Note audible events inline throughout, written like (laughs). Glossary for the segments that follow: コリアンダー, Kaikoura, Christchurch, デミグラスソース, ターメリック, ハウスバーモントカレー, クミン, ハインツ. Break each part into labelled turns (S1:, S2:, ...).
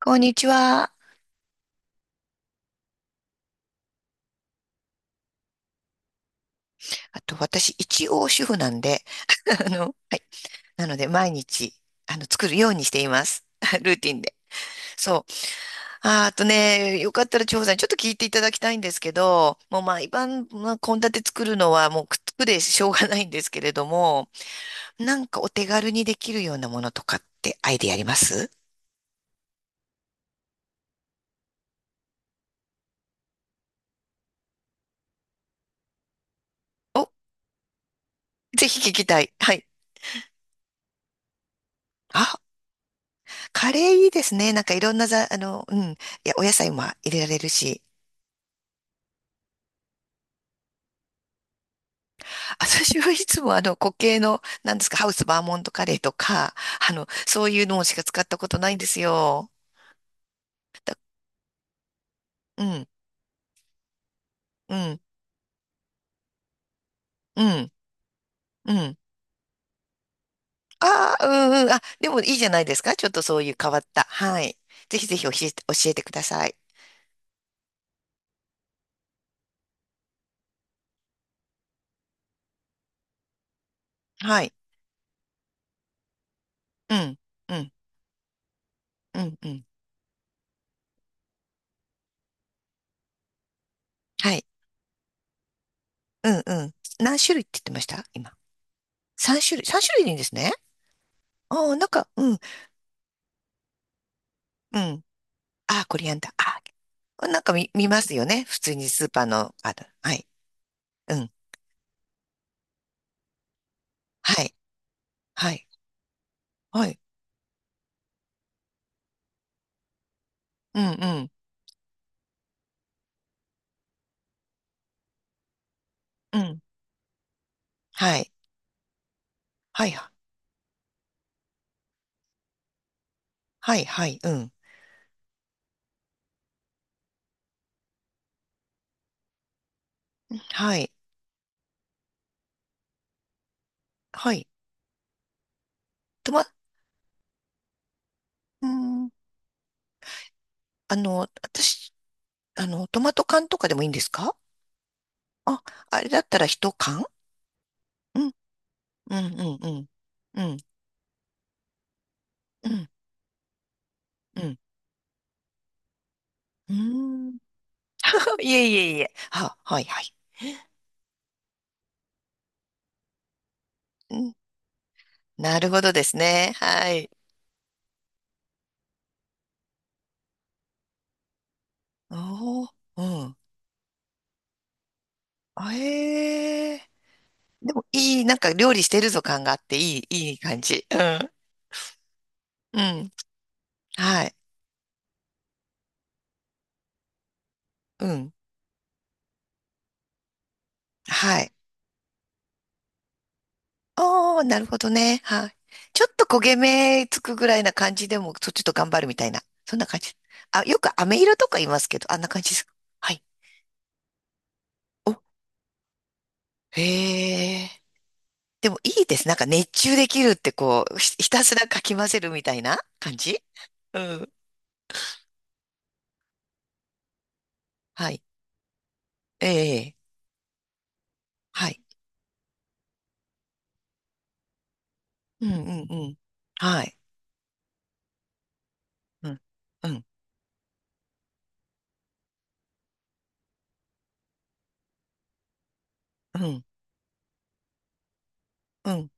S1: こんにちは。あと、私、一応主婦なんで、(laughs) はい。なので、毎日、作るようにしています。(laughs) ルーティンで。そう。あとね、よかったら、長さん、ちょっと聞いていただきたいんですけど、もう毎晩、まあ、献立作るのは、もう、くっつくでしょうがないんですけれども、なんかお手軽にできるようなものとかってアイディアあります？お、ぜひ聞きたい。はい。あ、カレーいいですね。なんかいろんなざ、あの、うん。いや、お野菜も入れられるし。私はいつもあの固形の、なんですか、ハウスバーモントカレーとか、そういうのしか使ったことないんですよ。うん、うん、うん、うん。ああ、うん、うん。あ、でもいいじゃないですか。ちょっとそういう変わった。はい。ぜひぜひ教えて、教えてください。はい。うん、うん、うん、うん。はい。うん、うん。何種類って言ってました今？3種類。3種類でいいんですね。ああ、なんか、うん、うん。ああ、コリアンダー。ああ、なんか見ますよね。普通にスーパーの、はい。うん。はい。はい。はい。うん、うん、うん。はい。はい、はい、はい、うん。はい、はい。トマ、うん、私、トマト缶とかでもいいんですか？あ、あれだったら一缶。うん、うん、うん、うん、うん、うん、うん。うーん (laughs) いえいえいえ。はい、はい。うん、なるほどですね。はい。おー、うん。あえー。でも、いい、なんか料理してるぞ感があって、いい、いい感じ。うん。うん。はい。うん。はい。おー、なるほどね。はい。ちょっと焦げ目つくぐらいな感じでも、ちょっと頑張るみたいな。そんな感じ。あ、よく飴色とか言いますけど、あんな感じですか？はい。お、へえ。でもいいです。なんか熱中できるってこう、ひたすらかき混ぜるみたいな感じ。うん。はい。ええ。はい。うんうんうん。はい。うん。うん。うん。うん。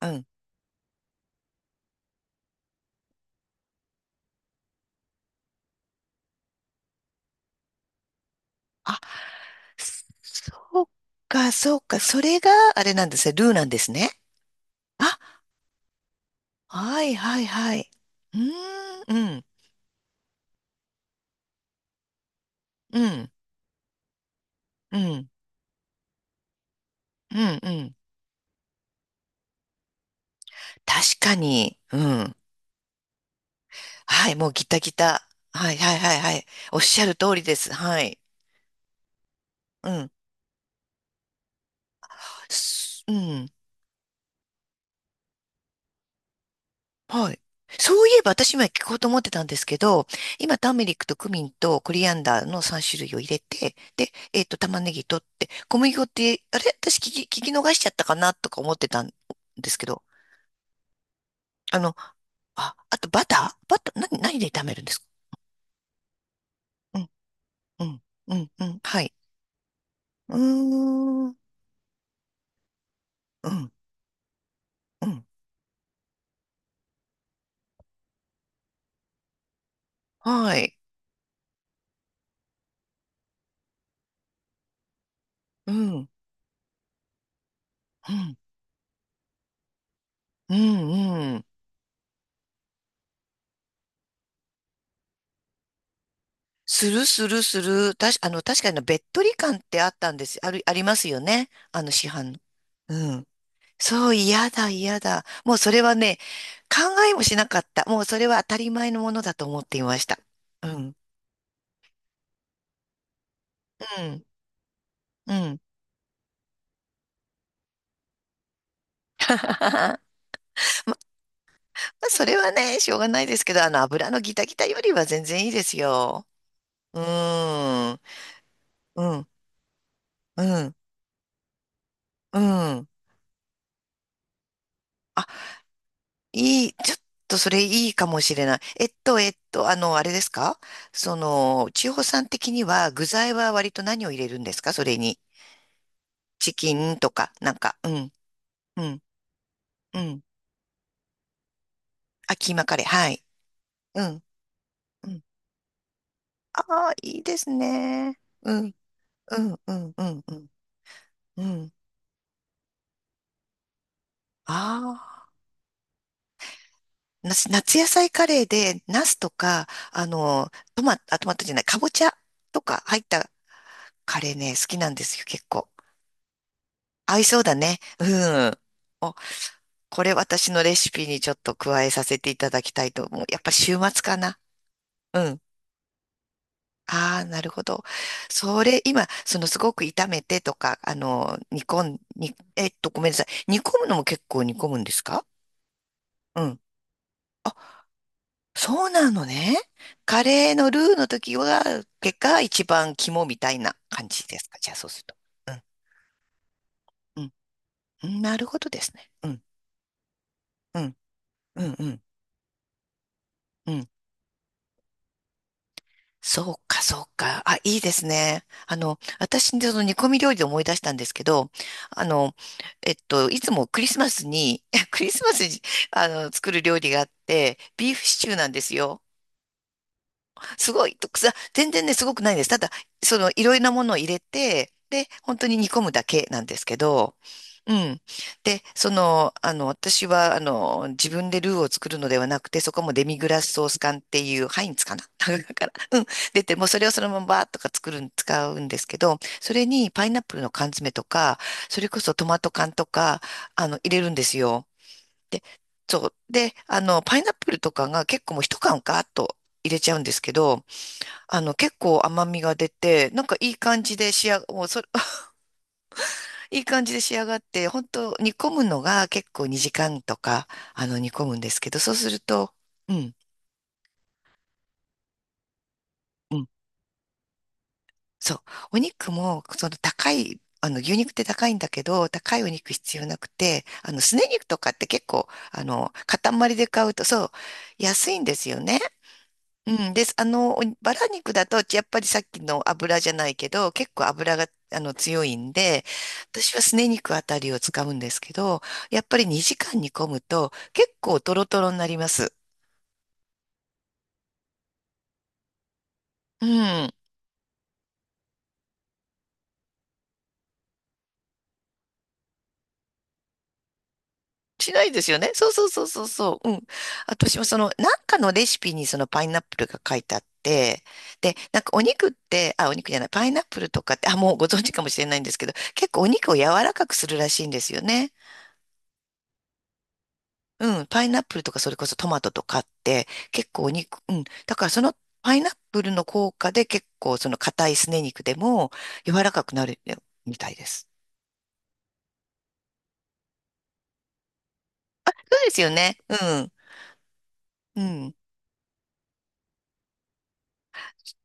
S1: うん。あ、そそっそっか。それがあれなんですね。ルーなんですね。はいはいはい。うーん、うん、うん、うん、うん、うん。確かに、うん。はい、もうギタギタ。はいはいはいはい。おっしゃる通りです。はい。うん。うん。はい。そういえば私今聞こうと思ってたんですけど、今ターメリックとクミンとコリアンダーの3種類を入れて、で、玉ねぎ取って、小麦粉って、あれ私聞き逃しちゃったかなとか思ってたんですけど、あの、あ、あとバター、何で炒めるんですか？うん、うん、うん、はい。うーん、うん、うん、はい。うん、うん、うん、うん。するするする。たし、あの、確かに、べっとり感ってあったんです。ありますよね。市販の。うん。そう、嫌だ、嫌だ。もうそれはね、考えもしなかった。もうそれは当たり前のものだと思っていました。うん、うん、うん。(laughs) それはね、しょうがないですけど、油のギタギタよりは全然いいですよ。うーん。うん。うん、うん。あ、ちょっとそれいいかもしれない。あれですか？その、千穂さん的には具材は割と何を入れるんですか、それに？チキンとか、なんか、うん、うん、うん。あ、キーマカレー、はい。うん、うん。ああ、いいですね。うん、うん、うん、うん、うん。うん。ああ、夏野菜カレーで、ナスとか、あ、トマトじゃない、かぼちゃとか入ったカレーね、好きなんですよ、結構。合いそうだね。うん。お、これ私のレシピにちょっと加えさせていただきたいと思う。やっぱ週末かな。うん。ああ、なるほど。それ、今、すごく炒めてとか、あの、煮込ん、に、えっと、ごめんなさい。煮込むのも結構煮込むんですか？うん。あ、そうなのね。カレーのルーの時は、結果一番肝みたいな感じですか？じゃあそうすると。うん。うん。なるほどですね。うん。うん。うん。うん。うんそうか、そうか。あ、いいですね。私、その煮込み料理で思い出したんですけど、あの、いつもクリスマスに、(laughs) クリスマスに、作る料理があって、ビーフシチューなんですよ。すごい、とくさ、全然ね、すごくないです。ただ、いろいろなものを入れて、で、本当に煮込むだけなんですけど、うん。で、私は、自分でルーを作るのではなくて、そこもデミグラスソース缶っていう、ハインツかな (laughs) から、うん。出て、もうそれをそのままバーッとか作るん、使うんですけど、それにパイナップルの缶詰とか、それこそトマト缶とか、入れるんですよ。で、そう。で、パイナップルとかが結構もう一缶ガーッと入れちゃうんですけど、結構甘みが出て、なんかいい感じで仕上が、(laughs) もうそれ、(laughs) いい感じで仕上がって、本当煮込むのが結構2時間とか、煮込むんですけど、そうすると、うん、うん、そう。お肉も、その高い、あの、牛肉って高いんだけど、高いお肉必要なくて、すね肉とかって結構、塊で買うと、そう、安いんですよね。うん、です。バラ肉だと、やっぱりさっきの油じゃないけど、結構油が、強いんで、私はすね肉あたりを使うんですけど、やっぱり2時間煮込むと、結構トロトロになります。うん。しないですよね。そうそうそうそうそう。うん。私もその、なんかのレシピにそのパイナップルが書いてあって、で、なんかお肉って、あ、お肉じゃない、パイナップルとかって、あ、もうご存知かもしれないんですけど、結構お肉を柔らかくするらしいんですよね。うん、パイナップルとかそれこそトマトとかって結構お肉、うん、だからそのパイナップルの効果で結構その硬いすね肉でも柔らかくなるみたいです。そうですよね。うん、うん、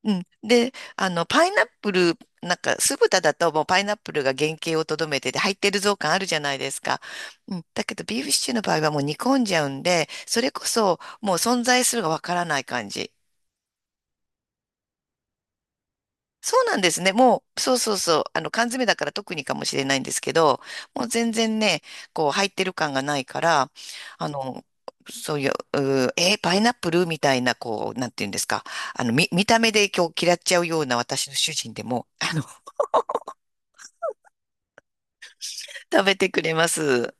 S1: うん。で、パイナップル、なんか酢豚だともうパイナップルが原型をとどめてて入ってるぞ感あるじゃないですか。うん、だけどビーフシチューの場合はもう煮込んじゃうんで、それこそもう存在するがわからない感じ。そうなんですね。もう、そうそうそう。缶詰だから特にかもしれないんですけど、もう全然ね、こう、入ってる感がないから、あの、そういう、うーえーパイナップルみたいな、こう、なんていうんですか？見た目で今日嫌っちゃうような私の主人でも、(laughs) 食べてくれます。